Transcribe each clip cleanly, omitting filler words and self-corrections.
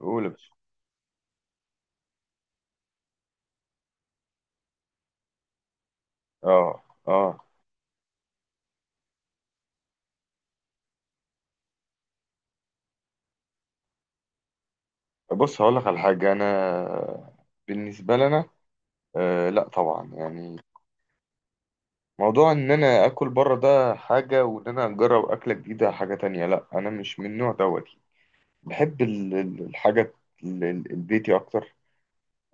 قول يا باشا. اه، اه. بص هقول لك على حاجه. انا بالنسبه لنا، لا طبعا، يعني موضوع ان انا اكل بره ده حاجه، وان انا اجرب اكله جديده حاجه تانية. لا، انا مش من النوع دوت. بحب الحاجه، البيتي اكتر.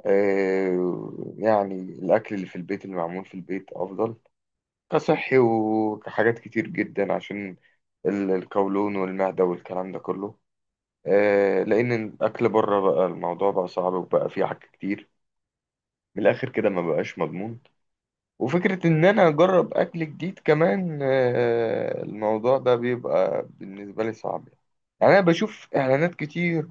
يعني الاكل اللي في البيت اللي معمول في البيت افضل، كصحي وكحاجات كتير جدا، عشان القولون والمعده والكلام ده كله. لان الاكل بره بقى الموضوع بقى صعب، وبقى فيه حاجات كتير. من الاخر كده ما بقاش مضمون. وفكره ان انا اجرب اكل جديد كمان، الموضوع ده بيبقى بالنسبه لي صعب. يعني انا بشوف اعلانات كتير.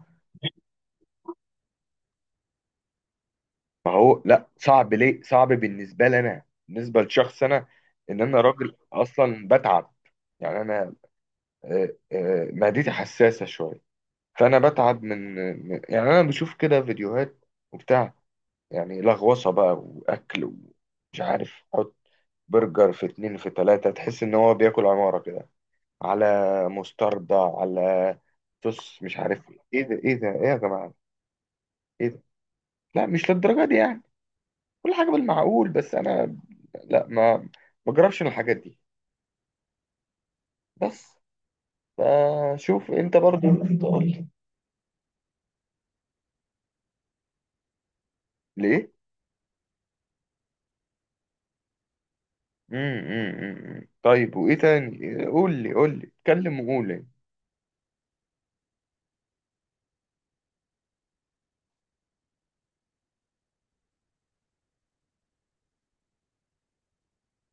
ما هو لا، صعب ليه؟ صعب بالنسبه لي انا، بالنسبه لشخص انا ان انا راجل اصلا بتعب. يعني انا معدتي حساسه شويه. فانا بتعب يعني انا بشوف كده فيديوهات وبتاع، يعني لغوصة بقى وأكل، ومش عارف، حط برجر في اتنين في تلاتة، تحس إن هو بياكل عمارة كده، على مستردة، على صوص، مش عارف إيه؟ إيه ده؟ إيه ده؟ إيه يا جماعة؟ إيه ده؟ لا، مش للدرجة دي يعني. كل حاجة بالمعقول، بس أنا لا، ما بجربش الحاجات دي، بس. فشوف أنت برضو. تقول ليه؟ مم، مم، مم. طيب، وإيه تاني؟ قول لي، قول لي، اتكلم وقول لي.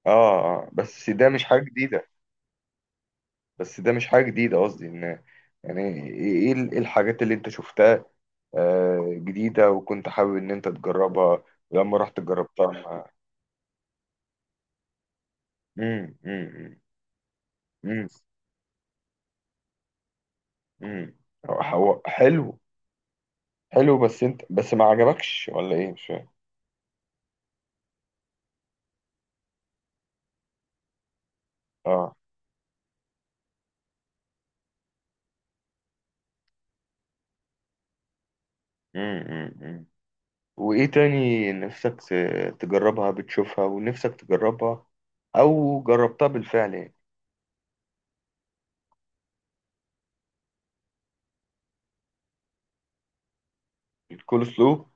آه، آه، بس ده مش حاجة جديدة. بس ده مش حاجة جديدة، قصدي إن يعني إيه، إيه الحاجات اللي أنت شفتها، جديدة وكنت حابب إن أنت تجربها، ولما رحت جربتها مع... مم، مم، مم، مم. هو هو حلو، حلو بس أنت بس ما عجبكش ولا إيه، مش فاهم. آه. مم، مم، مم. وإيه تاني نفسك تجربها؟ بتشوفها ونفسك تجربها، أو جربتها بالفعل يعني؟ الكول سلو؟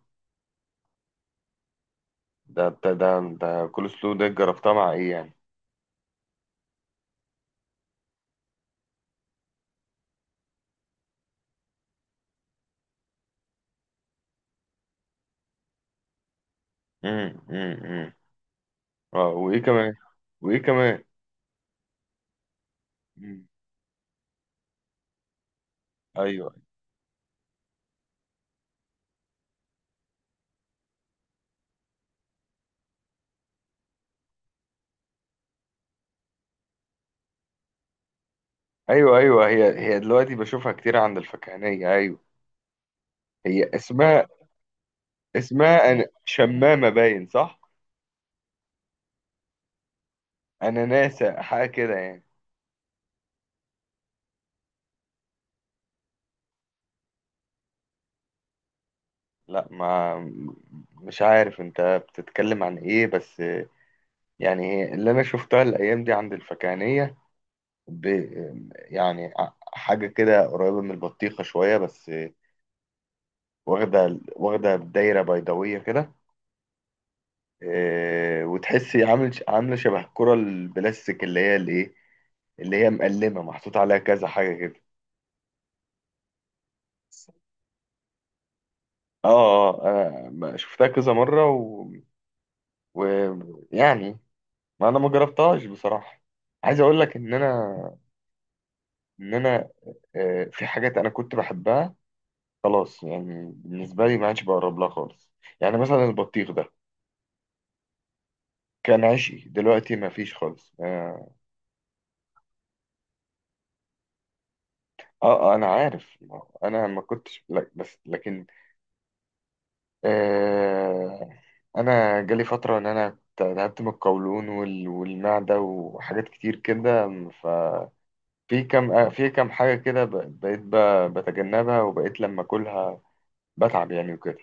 ده ده ده, ده كول سلو، ده جربتها مع إيه يعني؟ امم، امم. اه، وايه كمان؟ وايه كمان؟ مم. ايوه، ايوه، ايوه، هي هي دلوقتي بشوفها كتير عند الفكهانيه، ايوه. هي اسمها أنا شمامه باين، صح؟ انا ناسا حاجه كده يعني. لا ما، مش عارف انت بتتكلم عن ايه بس. يعني هي اللي انا شفتها الايام دي عند الفكهانيه، ب... يعني حاجه كده قريبه من البطيخه شويه، بس واخده، واخده دايره بيضاويه كده. وتحسي عامله شبه الكره البلاستيك، اللي هي الايه، اللي هي مقلمه محطوط عليها كذا حاجه كده. اه، اه، انا شفتها كذا مره و... يعني ما انا ما جربتهاش بصراحه. عايز اقول لك ان انا في حاجات انا كنت بحبها خلاص، يعني بالنسبه لي ما عادش بقرب لها خالص، يعني مثلا البطيخ ده كان عشقي، دلوقتي ما فيش خالص، اه. آه، آه، انا عارف، انا ما كنتش، لا بس لكن، آه، انا جالي فتره ان انا تعبت من القولون والمعده وحاجات كتير كده. ففي كم حاجه كده بقيت بتجنبها، وبقيت لما اكلها بتعب يعني وكده.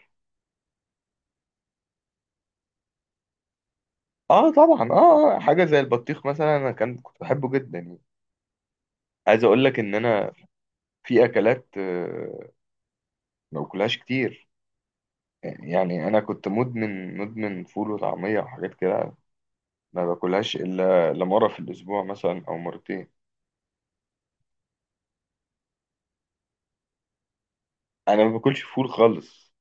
اه طبعا، حاجه زي البطيخ مثلا، انا كنت بحبه جدا يعني. عايز اقول لك ان انا في اكلات ما باكلهاش كتير. يعني انا كنت مدمن مدمن فول وطعميه وحاجات كده، ما باكلهاش إلا مره في الاسبوع مثلا او مرتين. انا ما باكلش فول خالص،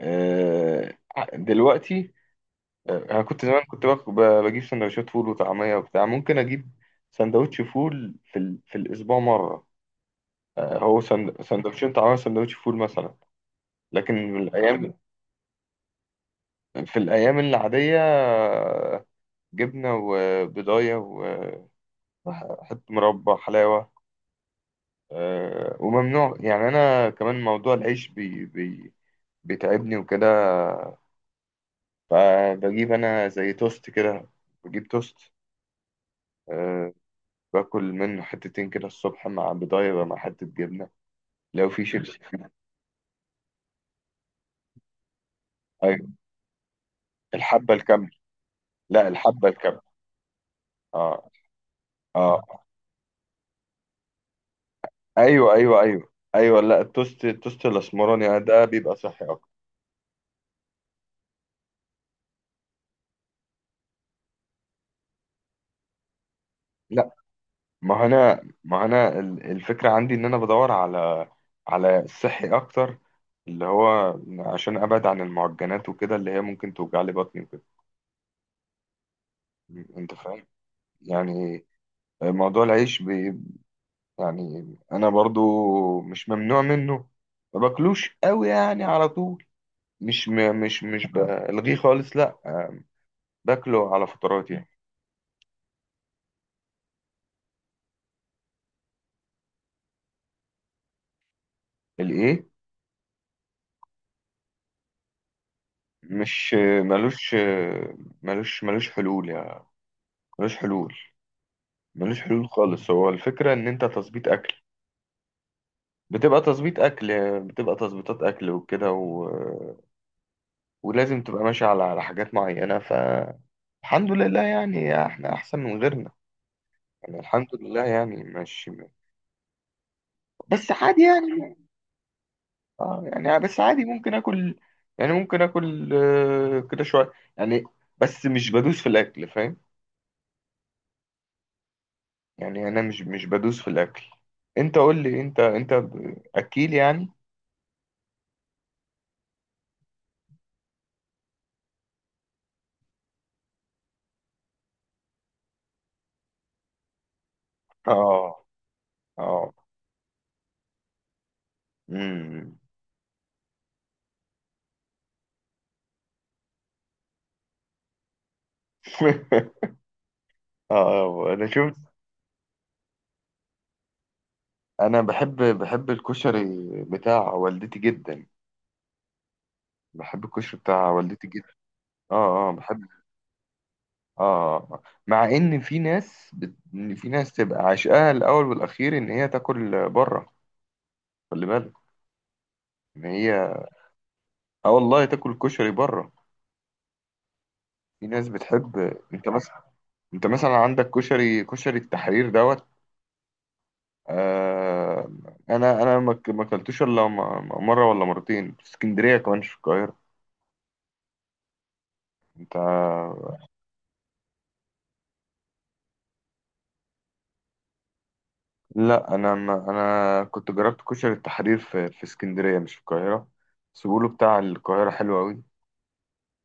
آه، دلوقتي. انا كنت زمان كنت بجيب سندوتشات فول وطعميه وبتاع، ممكن اجيب سندوتش فول في الاسبوع مره. هو سندوتشين طعميه وسندوتش فول مثلا. لكن في الايام العاديه، جبنه وبضايه وحته مربى، حلاوه، وممنوع، يعني انا كمان موضوع العيش بيتعبني وكده. فبجيب انا زي توست كده، بجيب توست، أه باكل منه حتتين كده الصبح، مع بيضاية بقى، مع حتة جبنة، لو في شيبسي. ايوه. الحبة الكاملة، لا الحبة الكاملة. اه، اه، ايوه، ايوه، ايوه، ايوه، لا التوست الاسمراني، ده بيبقى صحي اكتر. لا، ما هو انا الفكرة عندي ان انا بدور على الصحي اكتر، اللي هو عشان ابعد عن المعجنات وكده، اللي هي ممكن توجع لي بطني وكده. انت فاهم؟ يعني موضوع العيش بي، يعني انا برضو مش ممنوع منه، ما باكلوش قوي يعني على طول، مش م... مش مش بلغيه خالص، لا. باكله على فترات يعني. الايه؟ مش ملوش ملوش حلول يعني، ملوش حلول، ملوش حلول خالص. هو الفكرة ان انت تظبيط اكل، بتبقى تظبيط اكل بتبقى تظبيطات اكل وكده، ولازم تبقى ماشي على حاجات معينة، فالحمد لله يعني، احنا احسن من غيرنا. يعني الحمد لله يعني ماشي، بس عادي يعني. اه، يعني بس عادي ممكن اكل، يعني ممكن اكل كده شويه يعني، بس مش بدوس في الاكل، فاهم؟ يعني انا مش بدوس في الاكل. انت قول لي انت، اكيل يعني؟ اه، اه، امم. اه، انا شفت. انا بحب الكشري بتاع والدتي جدا، بحب الكشري بتاع والدتي جدا. اه، اه، بحب. اه، مع ان في ناس إن في ناس تبقى عشقها الاول والاخير ان هي تاكل بره، خلي بالك ان هي، اه والله تاكل كشري بره. في ناس بتحب، انت مثلا انت مثلا عندك كشري، كشري التحرير دوت. آه... انا ما اكلتوش الا مره ولا مرتين في اسكندريه، كمان مش في القاهره، انت. لا، انا ما... انا كنت جربت كشري التحرير في اسكندريه، مش في القاهره، بس بيقولوا بتاع القاهره حلو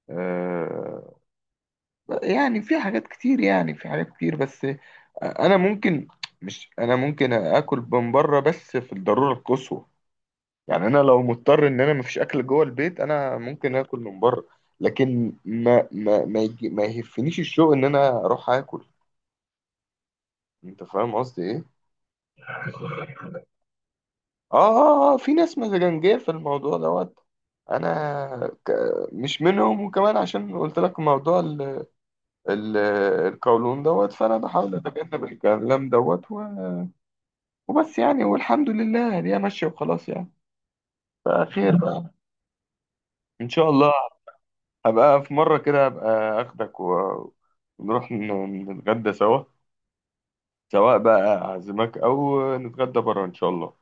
قوي. يعني في حاجات كتير، يعني في حاجات كتير بس. انا ممكن مش انا ممكن اكل من بره بس في الضروره القصوى. يعني انا لو مضطر ان انا مفيش اكل جوه البيت، انا ممكن اكل من بره. لكن ما، يجي ما يهفنيش الشوق ان انا اروح اكل. انت فاهم قصدي ايه؟ اه، اه، اه، في ناس مزاجنجيه في الموضوع دوت. انا مش منهم، وكمان عشان قلت لك موضوع ال... القولون دوت، فانا بحاول اتجنب الكلام دوت وبس، يعني والحمد لله يعني هي ماشية وخلاص، يعني فخير بقى. إن شاء الله هبقى في مرة كده، هبقى آخدك ونروح نتغدى سوا، سواء بقى أعزمك أو نتغدى بره، إن شاء الله.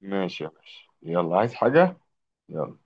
ماشي يا باشا، يلا، عايز حاجة؟ يلا.